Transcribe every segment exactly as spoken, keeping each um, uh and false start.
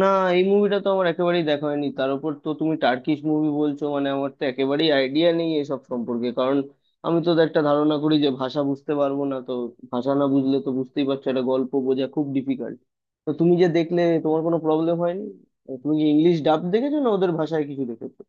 না, এই মুভিটা তো আমার একেবারেই দেখা হয়নি। তার উপর তো তুমি টার্কিশ মুভি বলছো, মানে আমার তো একেবারেই আইডিয়া নেই এসব সম্পর্কে। কারণ আমি তো একটা ধারণা করি যে ভাষা বুঝতে পারবো না, তো ভাষা না বুঝলে তো বুঝতেই পারছো একটা গল্প বোঝা খুব ডিফিকাল্ট। তো তুমি যে দেখলে তোমার কোনো প্রবলেম হয়নি? তুমি কি ইংলিশ ডাব দেখেছো না ওদের ভাষায় কিছু দেখেছো?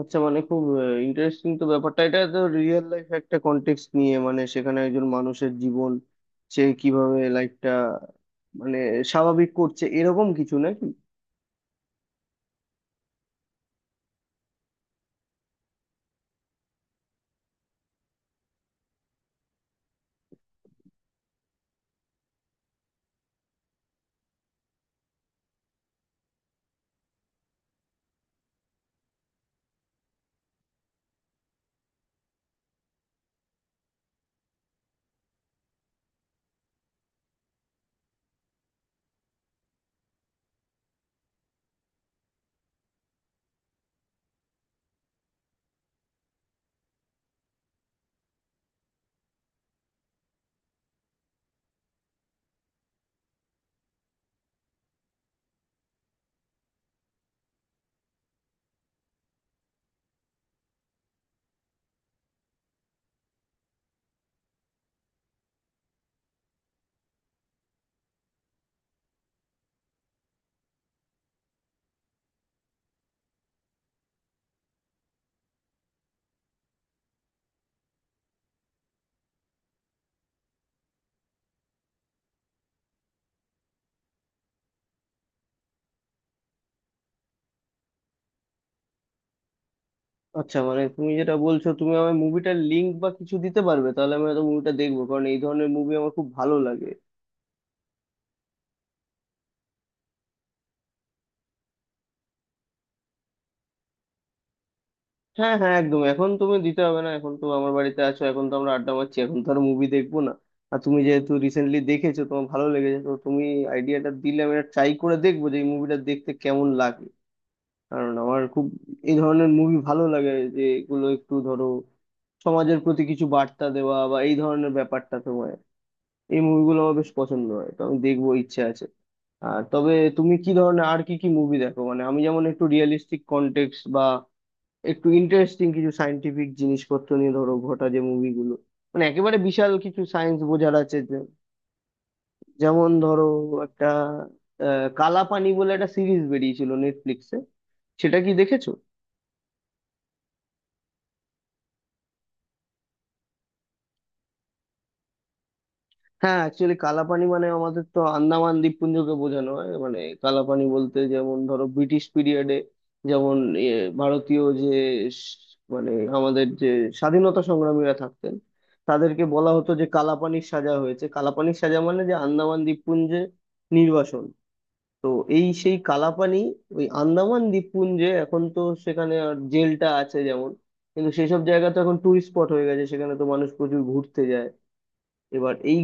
আচ্ছা, মানে খুব ইন্টারেস্টিং তো ব্যাপারটা। এটা তো রিয়েল লাইফ একটা কন্টেক্সট নিয়ে, মানে সেখানে একজন মানুষের জীবন সে কিভাবে লাইফটা মানে স্বাভাবিক করছে, এরকম কিছু নাকি? আচ্ছা, মানে তুমি যেটা বলছো, তুমি আমার মুভিটার লিঙ্ক বা কিছু দিতে পারবে? তাহলে আমি হয়তো মুভিটা দেখবো, কারণ এই ধরনের মুভি আমার খুব ভালো লাগে। হ্যাঁ, হ্যাঁ, একদম। এখন তুমি দিতে হবে না, এখন তো আমার বাড়িতে আছো, এখন তো আমরা আড্ডা মারছি, এখন তো আর মুভি দেখবো না। আর তুমি যেহেতু রিসেন্টলি দেখেছো, তোমার ভালো লেগেছে, তো তুমি আইডিয়াটা দিলে আমি এটা ট্রাই করে দেখবো যে এই মুভিটা দেখতে কেমন লাগে। কারণ আমার খুব এই ধরনের মুভি ভালো লাগে, যে এগুলো একটু ধরো সমাজের প্রতি কিছু বার্তা দেওয়া বা এই ধরনের ব্যাপারটা, তোমার এই মুভিগুলো আমার বেশ পছন্দ হয়, তো আমি দেখবো ইচ্ছে আছে। আর তবে তুমি কি ধরনের আর কি কি মুভি দেখো? মানে আমি যেমন একটু রিয়েলিস্টিক কন্টেক্সট বা একটু ইন্টারেস্টিং কিছু সায়েন্টিফিক জিনিসপত্র নিয়ে ধরো ঘটা যে মুভিগুলো, মানে একেবারে বিশাল কিছু সায়েন্স বোঝার আছে যে- যেমন ধরো একটা আহ কালাপানি বলে একটা সিরিজ বেরিয়েছিল নেটফ্লিক্সে, সেটা কি দেখেছো? হ্যাঁ, অ্যাকচুয়ালি কালাপানি মানে আমাদের তো আন্দামান দ্বীপপুঞ্জকে বোঝানো হয়। মানে কালাপানি বলতে যেমন ধরো ব্রিটিশ পিরিয়ডে, যেমন ইয়ে, ভারতীয় যে স- মানে আমাদের যে স্বাধীনতা সংগ্রামীরা থাকতেন, তাদেরকে বলা হতো যে কালাপানির সাজা হয়েছে। কালাপানির সাজা মানে যে আন্দামান দ্বীপপুঞ্জে নির্বাসন। তো এই সেই কালাপানি, ওই আন্দামান দ্বীপপুঞ্জে। এখন তো সেখানে আর জেলটা আছে যেমন, কিন্তু সেসব জায়গা তো এখন টুরিস্ট স্পট হয়ে গেছে, সেখানে তো মানুষ প্রচুর ঘুরতে যায়। এবার এই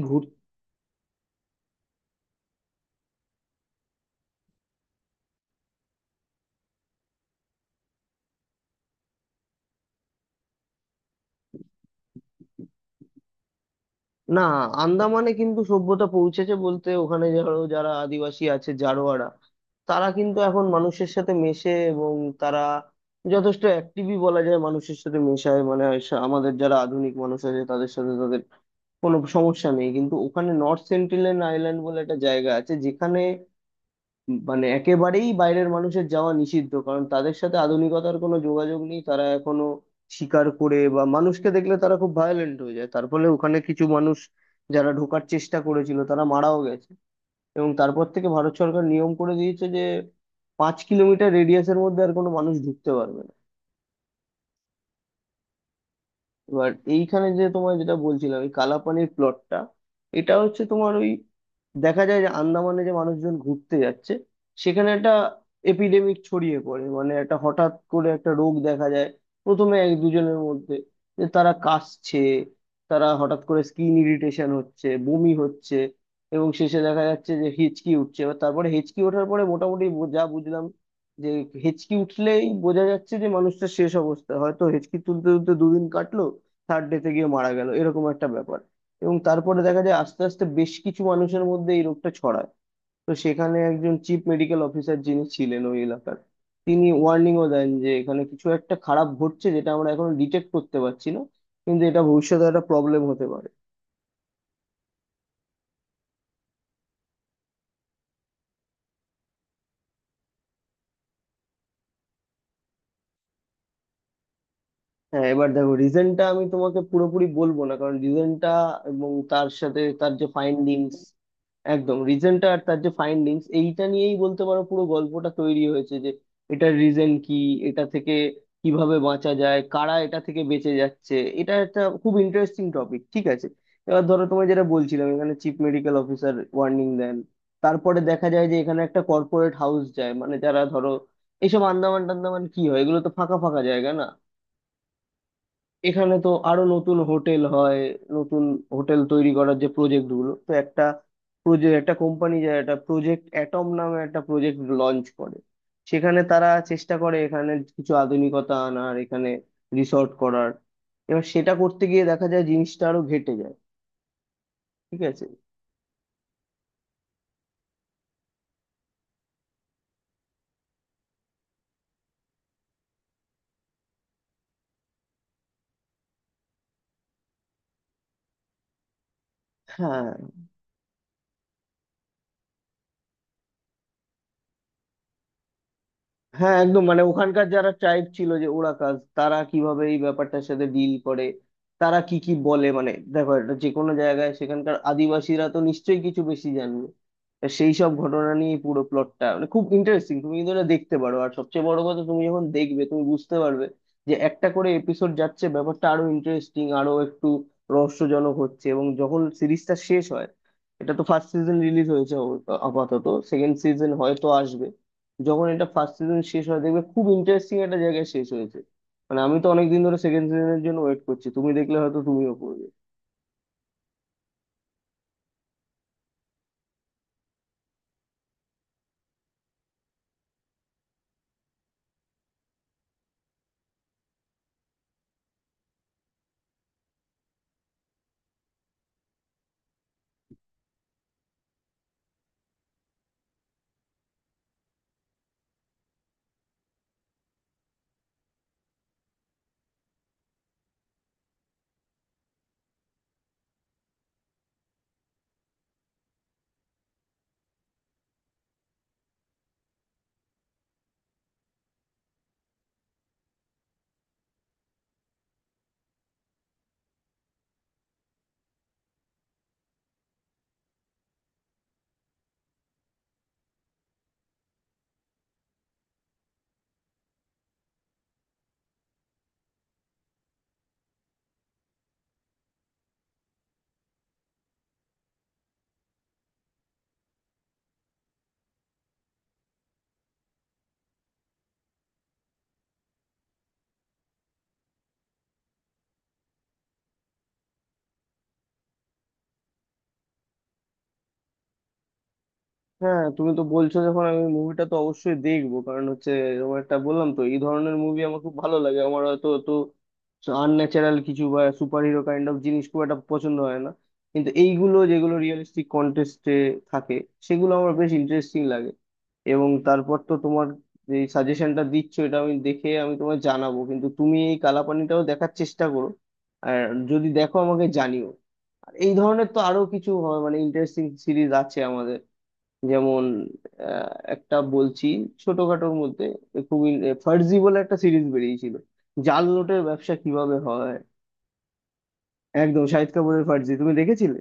না, আন্দামানে কিন্তু সভ্যতা পৌঁছেছে। বলতে ওখানে ধরো যারা আদিবাসী আছে জারোয়ারা, তারা কিন্তু এখন মানুষের সাথে মেশে, এবং তারা যথেষ্ট অ্যাক্টিভই বলা যায়, মানুষের সাথে মেশায়। মানে সা- আমাদের যারা আধুনিক মানুষ আছে তাদের সাথে তাদের কোনো সমস্যা নেই। কিন্তু ওখানে নর্থ সেন্টিনেল আইল্যান্ড বলে একটা জায়গা আছে, যেখানে মানে একেবারেই বাইরের মানুষের যাওয়া নিষিদ্ধ, কারণ তাদের সাথে আধুনিকতার কোনো যোগাযোগ নেই। তারা এখনো শিকার করে, বা মানুষকে দেখলে তারা খুব ভায়োলেন্ট হয়ে যায়, তার ফলে ওখানে কিছু মানুষ যারা ঢোকার চেষ্টা করেছিল তারা মারাও গেছে। এবং তারপর থেকে ভারত সরকার নিয়ম করে দিয়েছে যে পাঁচ কিলোমিটার রেডিয়াসের মধ্যে আর কোনো মানুষ ঢুকতে পারবে না। এবার এইখানে যে তোমায় যেটা বলছিলাম এই কালাপানির প্লটটা, এটা হচ্ছে তোমার ওই, দেখা যায় যে আন্দামানে যে মানুষজন ঘুরতে যাচ্ছে সেখানে একটা এপিডেমিক ছড়িয়ে পড়ে। মানে একটা হঠাৎ করে একটা রোগ দেখা যায় প্রথমে এক দুজনের মধ্যে, যে তারা কাশছে, তারা হঠাৎ করে স্কিন ইরিটেশন হচ্ছে, বমি হচ্ছে, এবং শেষে দেখা যাচ্ছে যে হেঁচকি উঠছে। এবার তারপরে হেঁচকি ওঠার পরে মোটামুটি বো- যা বুঝলাম, যে হেঁচকি উঠলেই বোঝা যাচ্ছে যে মানুষটা শেষ অবস্থা। হয়তো হেঁচকি তুলতে তুলতে দুদিন কাটলো, থার্ড ডেতে গিয়ে মারা গেল, এরকম একটা ব্যাপার। এবং তারপরে দেখা যায় আস্তে আস্তে বেশ কিছু মানুষের মধ্যে এই রোগটা ছড়ায়। তো সেখানে একজন চিফ মেডিকেল অফিসার যিনি ছিলেন ওই এলাকার, তিনি ওয়ার্নিংও দেন যে এখানে কিছু একটা খারাপ ঘটছে, যেটা আমরা এখনো ডিটেক্ট করতে পারছি না, কিন্তু এটা ভবিষ্যতে একটা প্রবলেম হতে পারে। হ্যাঁ, এবার দেখো রিজনটা আমি তোমাকে পুরোপুরি বলবো না, কারণ রিজনটা এবং তার সাথে তার যে ফাইন্ডিংস, একদম রিজনটা আর তার যে ফাইন্ডিংস এইটা নিয়েই বলতে পারো পুরো গল্পটা তৈরি হয়েছে, যে এটার রিজন কি, এটা থেকে কিভাবে বাঁচা যায়, কারা এটা থেকে বেঁচে যাচ্ছে। এটা একটা খুব ইন্টারেস্টিং টপিক, ঠিক আছে। এবার ধরো তোমায় যেটা বলছিলাম, এখানে চিফ মেডিকেল অফিসার ওয়ার্নিং দেন, তারপরে দেখা যায় যে এখানে একটা কর্পোরেট হাউস যায়, মানে যারা ধরো এইসব আন্দামান টান্দামান কি হয় এগুলো তো ফাঁকা ফাঁকা জায়গা না, এখানে তো আরো নতুন হোটেল হয়, নতুন হোটেল তৈরি করার যে প্রজেক্ট গুলো। তো একটা প্রজেক্ট, একটা কোম্পানি যায়, একটা প্রজেক্ট অ্যাটম নামে একটা প্রজেক্ট লঞ্চ করে। সেখানে তারা চেষ্টা করে এখানে কিছু আধুনিকতা আনার, এখানে রিসর্ট করার। এবার সেটা করতে গিয়ে দেখা যায় জিনিসটা আরো ঘেটে যায়, ঠিক আছে। হ্যাঁ, হ্যাঁ, একদম। মানে ওখানকার যারা ট্রাইব ছিল যে ওরাকাজ, তারা কিভাবে এই ব্যাপারটার সাথে ডিল করে, তারা কি কি বলে, মানে দেখো এটা যে কোনো জায়গায় সেখানকার আদিবাসীরা তো নিশ্চয়ই কিছু বেশি জানবে। তা সেই সব ঘটনা নিয়ে এই পুরো প্লটটা মানে খুব ইন্টারেস্টিং, তুমি কিন্তু এটা দেখতে পারো। আর সবচেয়ে বড় কথা, তুমি যখন দেখবে তুমি বুঝতে পারবে যে একটা করে এপিসোড যাচ্ছে ব্যাপারটা আরো ইন্টারেস্টিং, আরো একটু রহস্যজনক হচ্ছে। এবং যখন সিরিজটা শেষ হয়, এটা তো ফার্স্ট সিজন রিলিজ হয়েছে আপাতত, সেকেন্ড সিজন হয়তো আসবে। যখন এটা ফার্স্ট সিজন শেষ হয় দেখবে খুব ইন্টারেস্টিং একটা জায়গায় শেষ হয়েছে। মানে আমি তো অনেকদিন ধরে সেকেন্ড সিজনের জন্য ওয়েট করছি, তুমি দেখলে হয়তো তুমিও পড়বে। হ্যাঁ, তুমি তো বলছো যখন, আমি মুভিটা তো অবশ্যই দেখবো, কারণ হচ্ছে এরকম একটা, বললাম তো এই ধরনের মুভি আমার খুব ভালো লাগে। আমার হয়তো তো আনন্যাচারাল কিছু বা সুপার হিরো কাইন্ড অফ জিনিস খুব একটা পছন্দ হয় না, কিন্তু এইগুলো যেগুলো রিয়েলিস্টিক কন্টেস্টে থাকে সেগুলো আমার বেশ ইন্টারেস্টিং লাগে। এবং তারপর তো তোমার যে সাজেশনটা দিচ্ছ এটা আমি দেখে আমি তোমায় জানাবো, কিন্তু তুমি এই কালাপানিটাও দেখার চেষ্টা করো আর যদি দেখো আমাকে জানিও। আর এই ধরনের তো আরো কিছু হয় মানে ইন্টারেস্টিং সিরিজ আছে, যেমন আহ, একটা বলছি, ছোটখাটোর মধ্যে খুবই, ফার্জি বলে একটা সিরিজ বেরিয়েছিল, জাল নোটের ব্যবসা কিভাবে হয়। একদম, শাহিদ কাপুরের ফার্জি তুমি দেখেছিলে।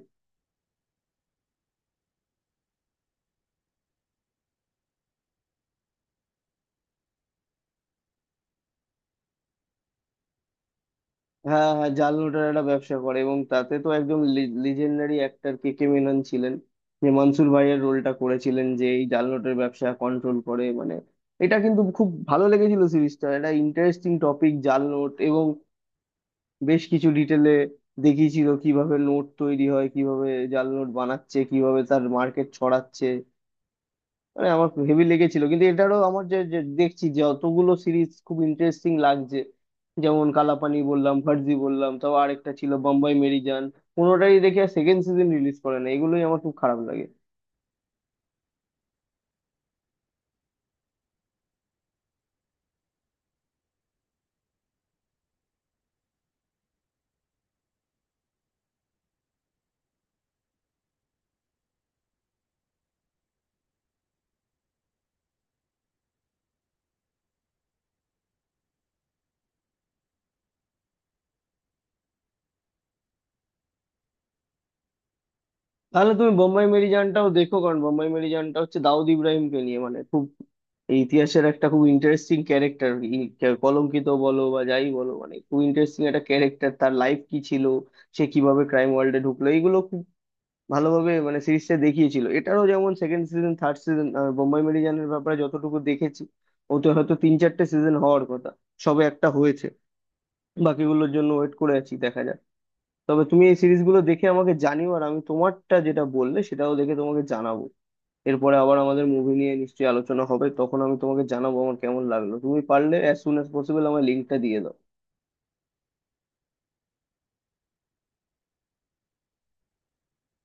হ্যাঁ, হ্যাঁ, জাল নোটের একটা ব্যবসা করে, এবং তাতে তো একদম legendary actor K K Menon ছিলেন, যে মনসুর ভাইয়ের রোলটা করেছিলেন, যে এই জাল নোটের ব্যবসা কন্ট্রোল করে। মানে এটা কিন্তু খুব ভালো লেগেছিল সিরিজটা, এটা ইন্টারেস্টিং টপিক জাল নোট। এবং বেশ কিছু ডিটেলে দেখিয়েছিল কিভাবে নোট তৈরি হয়, কিভাবে জাল নোট বানাচ্ছে, কিভাবে তার মার্কেট ছড়াচ্ছে, মানে আমার হেভি লেগেছিল। কিন্তু এটারও আমার যে, যে দেখছি যে অতগুলো সিরিজ খুব ইন্টারেস্টিং লাগছে, যেমন কালাপানি বললাম, ফার্জি বললাম, তাও আরেকটা ছিল বম্বাই মেরিজান, কোনোটাই দেখে সেকেন্ড সিজন রিলিজ করে না, এগুলোই আমার খুব খারাপ লাগে। তাহলে তুমি বোম্বাই মেরিজানটাও দেখো, কারণ বোম্বাই মেরিজানটা হচ্ছে দাউদ ইব্রাহিমকে নিয়ে, মানে খুব এই ইতিহাসের একটা খুব ইন্টারেস্টিং ক্যারেক্টার, কলঙ্কিত বলো বা যাই বলো, মানে খুব ইন্টারেস্টিং একটা ক্যারেক্টার, তার লাইফ কি ছিল, সে কিভাবে ক্রাইম ওয়ার্ল্ডে ঢুকলো, এইগুলো খুব ভালোভাবে মানে সিরিজটা দেখিয়েছিল। এটারও যেমন second season, third season, Bambai মেরিজানের ব্যাপারে যতটুকু দেখেছি ওতে হয়তো তিন চারটে সিজন হওয়ার কথা, সবে একটা হয়েছে, বাকিগুলোর জন্য ওয়েট করে আছি, দেখা যাক। তবে তুমি এই সিরিজগুলো দেখে আমাকে জানিও আর আমি তোমারটা যেটা বললে সেটাও দেখে তোমাকে জানাবো। এরপরে আবার আমাদের মুভি নিয়ে নিশ্চয়ই আলোচনা হবে, তখন আমি তোমাকে জানাবো আমার কেমন লাগলো। তুমি পারলে অ্যাজ সুন অ্যাজ পসিবল আমার লিঙ্কটা দিয়ে দাও।